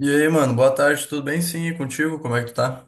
E aí, mano, boa tarde, tudo bem? Sim, e contigo, como é que tu tá?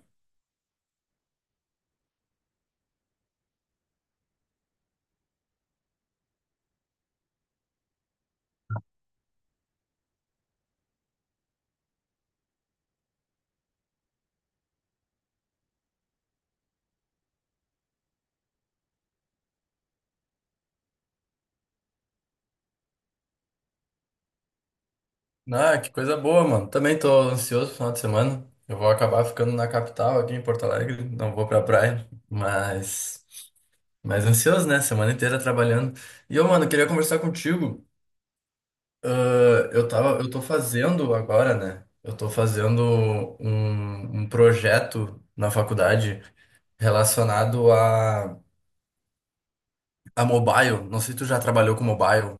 Ah, que coisa boa, mano. Também tô ansioso pro final de semana. Eu vou acabar ficando na capital aqui em Porto Alegre, não vou pra praia, mas ansioso, né? Semana inteira trabalhando. E eu, mano, queria conversar contigo. Ah, eu tô fazendo agora, né? Eu tô fazendo um projeto na faculdade relacionado a mobile. Não sei se tu já trabalhou com mobile.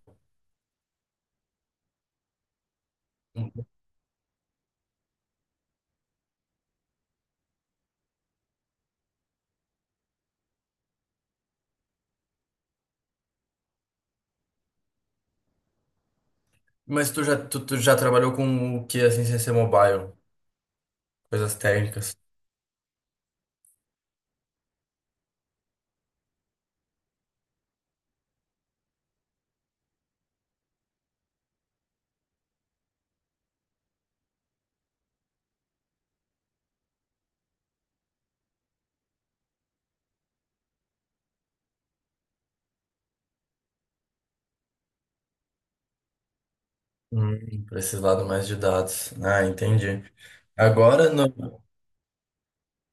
Mas tu já trabalhou com o que, assim, sem ser mobile? Coisas técnicas. Pra esse lado mais de dados. Ah, entendi. Agora no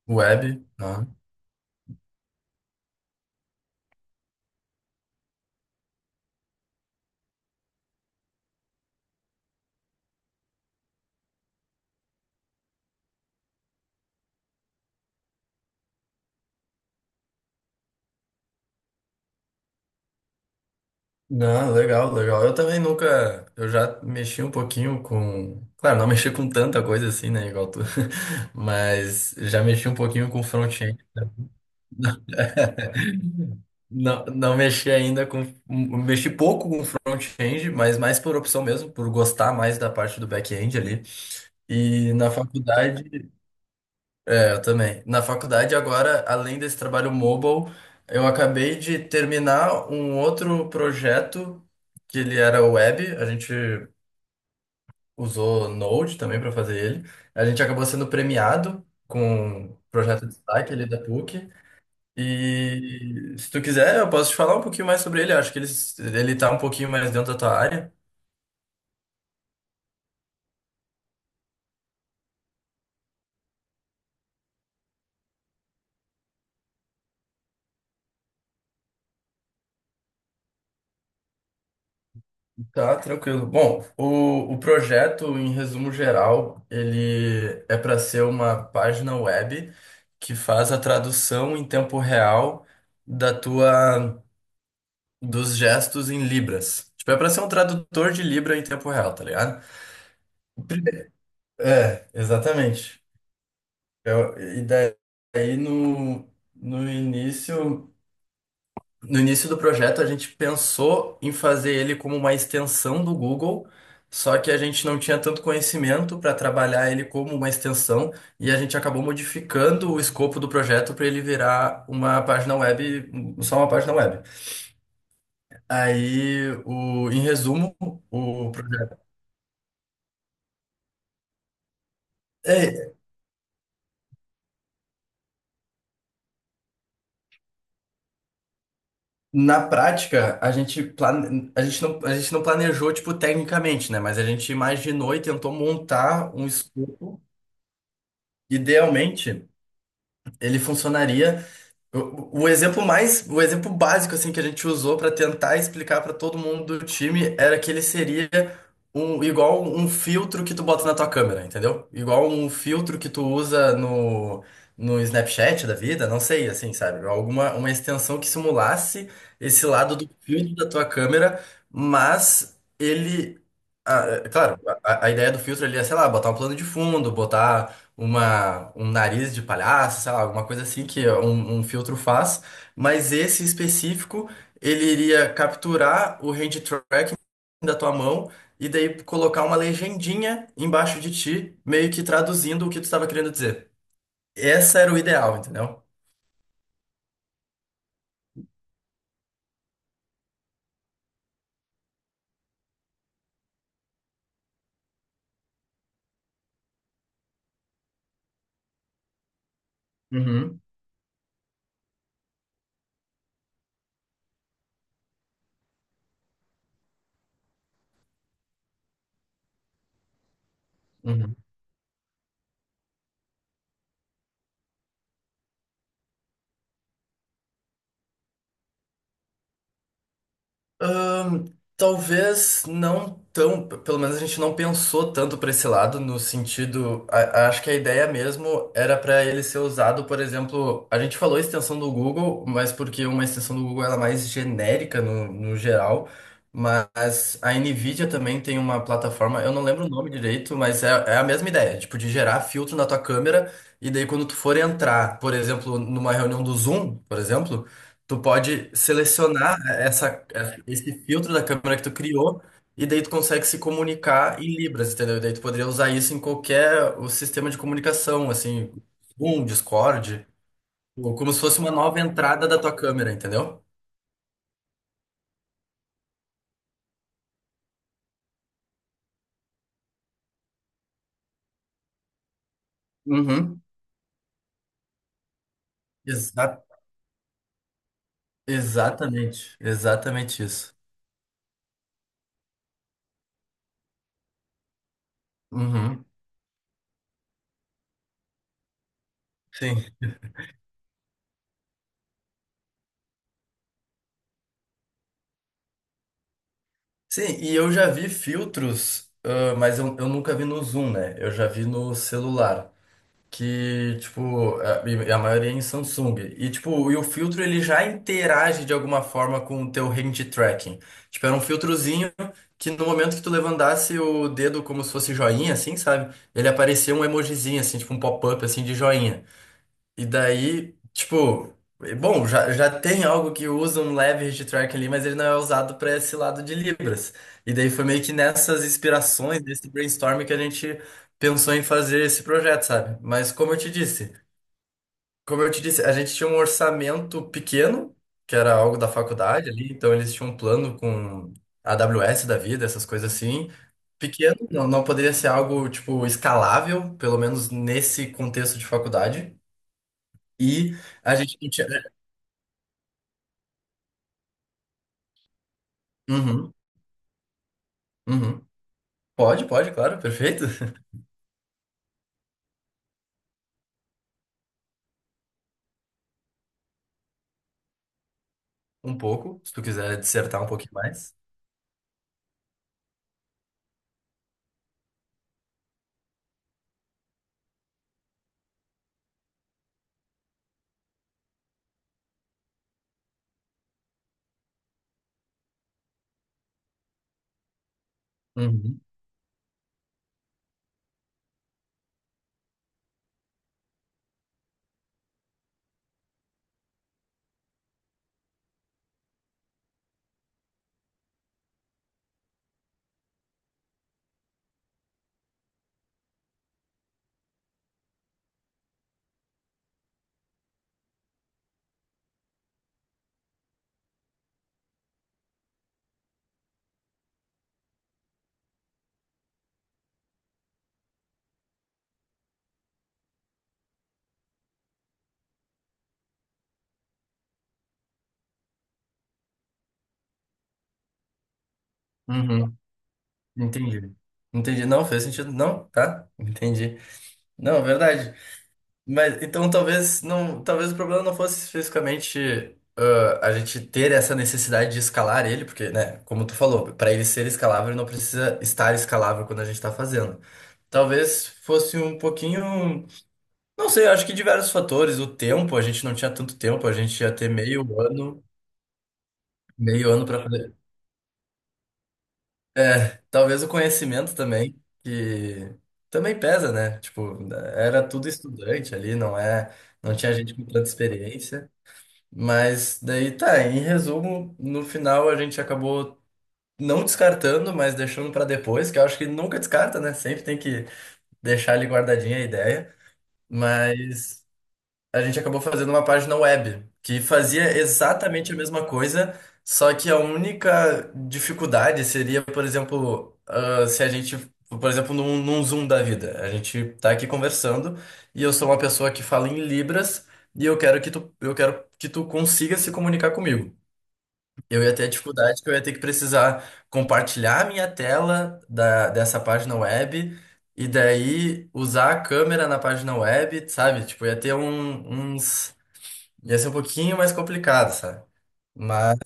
web. Ah. Não, legal, legal. Eu também nunca. Eu já mexi um pouquinho com. Claro, não mexi com tanta coisa assim, né, igual tu. Mas já mexi um pouquinho com front-end. Não, não mexi ainda com. Mexi pouco com front-end, mas mais por opção mesmo, por gostar mais da parte do back-end ali. E na faculdade. É, eu também. Na faculdade, agora, além desse trabalho mobile, eu acabei de terminar um outro projeto que ele era web. A gente usou Node também para fazer ele. A gente acabou sendo premiado com o projeto de destaque ali da PUC. E se tu quiser, eu posso te falar um pouquinho mais sobre ele. Acho que ele tá um pouquinho mais dentro da tua área. Tá, tranquilo. Bom, o projeto, em resumo geral, ele é para ser uma página web que faz a tradução em tempo real da tua dos gestos em Libras. Tipo, é para ser um tradutor de Libra em tempo real, tá ligado? É, exatamente. E daí no início. No início do projeto, a gente pensou em fazer ele como uma extensão do Google, só que a gente não tinha tanto conhecimento para trabalhar ele como uma extensão e a gente acabou modificando o escopo do projeto para ele virar uma página web, só uma página web. Aí, em resumo, o projeto. É, Na prática, a gente não planejou, tipo, tecnicamente, né? Mas a gente imaginou e tentou montar um escopo. Idealmente, ele funcionaria. O exemplo básico assim que a gente usou para tentar explicar para todo mundo do time era que ele seria igual um filtro que tu bota na tua câmera, entendeu? Igual um filtro que tu usa no Snapchat da vida, não sei, assim, sabe? Alguma uma extensão que simulasse esse lado do filtro da tua câmera, mas é claro, a ideia do filtro ali é, sei lá, botar um plano de fundo, botar um nariz de palhaço, sei lá, alguma coisa assim que um filtro faz, mas esse específico, ele iria capturar o hand tracking da tua mão e daí colocar uma legendinha embaixo de ti, meio que traduzindo o que tu estava querendo dizer. Essa era o ideal, entendeu? Uhum, uhum. Ahn, talvez não tão, pelo menos a gente não pensou tanto para esse lado, no sentido, acho que a ideia mesmo era para ele ser usado, por exemplo, a gente falou extensão do Google, mas porque uma extensão do Google ela é mais genérica no geral, mas a NVIDIA também tem uma plataforma, eu não lembro o nome direito, mas é a mesma ideia, tipo, de gerar filtro na tua câmera, e daí quando tu for entrar, por exemplo, numa reunião do Zoom, por exemplo, tu pode selecionar esse filtro da câmera que tu criou e daí tu consegue se comunicar em Libras, entendeu? E daí tu poderia usar isso em qualquer o sistema de comunicação, assim, Zoom, Discord, ou como se fosse uma nova entrada da tua câmera, entendeu? Uhum. Exa exatamente, exatamente isso. Uhum. Sim. Sim, e eu já vi filtros, mas eu nunca vi no Zoom, né? Eu já vi no celular e a maioria é em Samsung. E, tipo, o filtro ele já interage de alguma forma com o teu hand tracking. Tipo, era um filtrozinho que no momento que tu levantasse o dedo como se fosse joinha, assim, sabe? Ele aparecia um emojizinho, assim, tipo um pop-up, assim, de joinha. E daí, tipo, bom, já tem algo que usa um leve hittrack ali, mas ele não é usado para esse lado de Libras. E daí foi meio que nessas inspirações, nesse brainstorm que a gente pensou em fazer esse projeto, sabe? Mas como eu te disse, a gente tinha um orçamento pequeno, que era algo da faculdade ali, então eles tinham um plano com a AWS da vida, essas coisas assim. Pequeno, não, não poderia ser algo, tipo, escalável, pelo menos nesse contexto de faculdade. E a gente não tinha, né? Uhum, uhum. Pode, pode, claro, perfeito. Um pouco, se tu quiser dissertar um pouquinho mais. Uhum, uhum. Entendi. Entendi. Não, fez sentido. Não, tá? Entendi. Não, é verdade. Mas então talvez não, talvez o problema não fosse especificamente, a gente ter essa necessidade de escalar ele, porque, né, como tu falou, para ele ser escalável, ele não precisa estar escalável quando a gente tá fazendo. Talvez fosse um pouquinho. Não sei, acho que diversos fatores. O tempo, a gente não tinha tanto tempo, a gente ia ter meio ano, para fazer. Talvez o conhecimento também, que também pesa, né? Tipo, era tudo estudante ali, não é, não tinha gente com tanta experiência. Mas daí tá, em resumo, no final a gente acabou não descartando, mas deixando para depois, que eu acho que nunca descarta, né? Sempre tem que deixar ali guardadinha a ideia. Mas a gente acabou fazendo uma página web que fazia exatamente a mesma coisa, só que a única dificuldade seria, por exemplo, se a gente, por exemplo, num Zoom da vida, a gente tá aqui conversando e eu sou uma pessoa que fala em Libras e eu quero que tu consiga se comunicar comigo. Eu ia ter a dificuldade que eu ia ter que precisar compartilhar a minha tela dessa página web. E daí usar a câmera na página web, sabe? Tipo, ia ser um pouquinho mais complicado, sabe? Mas.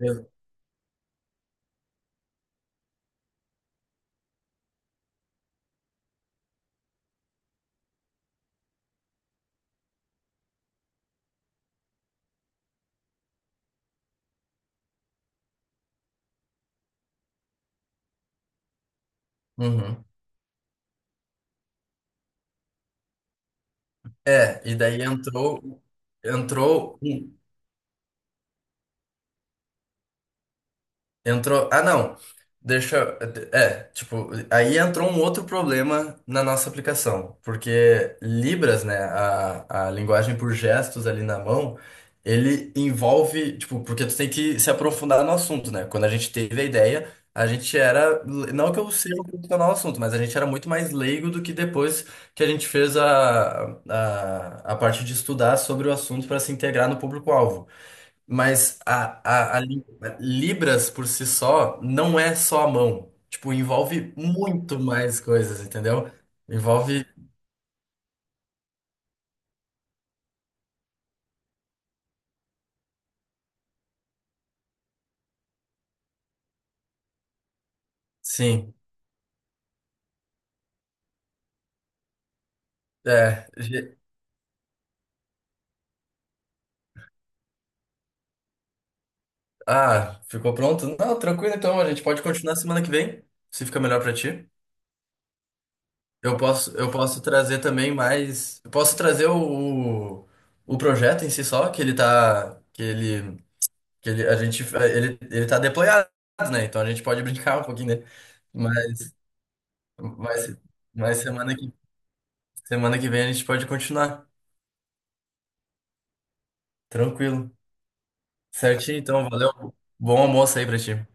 eu- Uhum. É, e daí entrou. Entrou. um Ah, não. Deixa. É, tipo, aí entrou um outro problema na nossa aplicação, porque Libras, né, a linguagem por gestos ali na mão, ele envolve, tipo, porque tu tem que se aprofundar no assunto, né? Quando a gente teve a ideia, a gente era, não que eu seja um profissional no assunto, mas a gente era muito mais leigo do que depois que a gente fez a parte de estudar sobre o assunto para se integrar no público-alvo. Mas Libras por si só não é só a mão. Tipo, envolve muito mais coisas, entendeu? Envolve, sim. É. Ah, ficou pronto? Não, tranquilo então, a gente pode continuar semana que vem, se fica melhor pra ti. Eu posso trazer também mais. Eu posso trazer o projeto em si só, que ele tá. Que ele, a gente, ele tá deployado, né? Então a gente pode brincar um pouquinho, né? Mas, mas, semana que vem a gente pode continuar. Tranquilo. Certinho, então. Valeu. Bom almoço aí pra ti.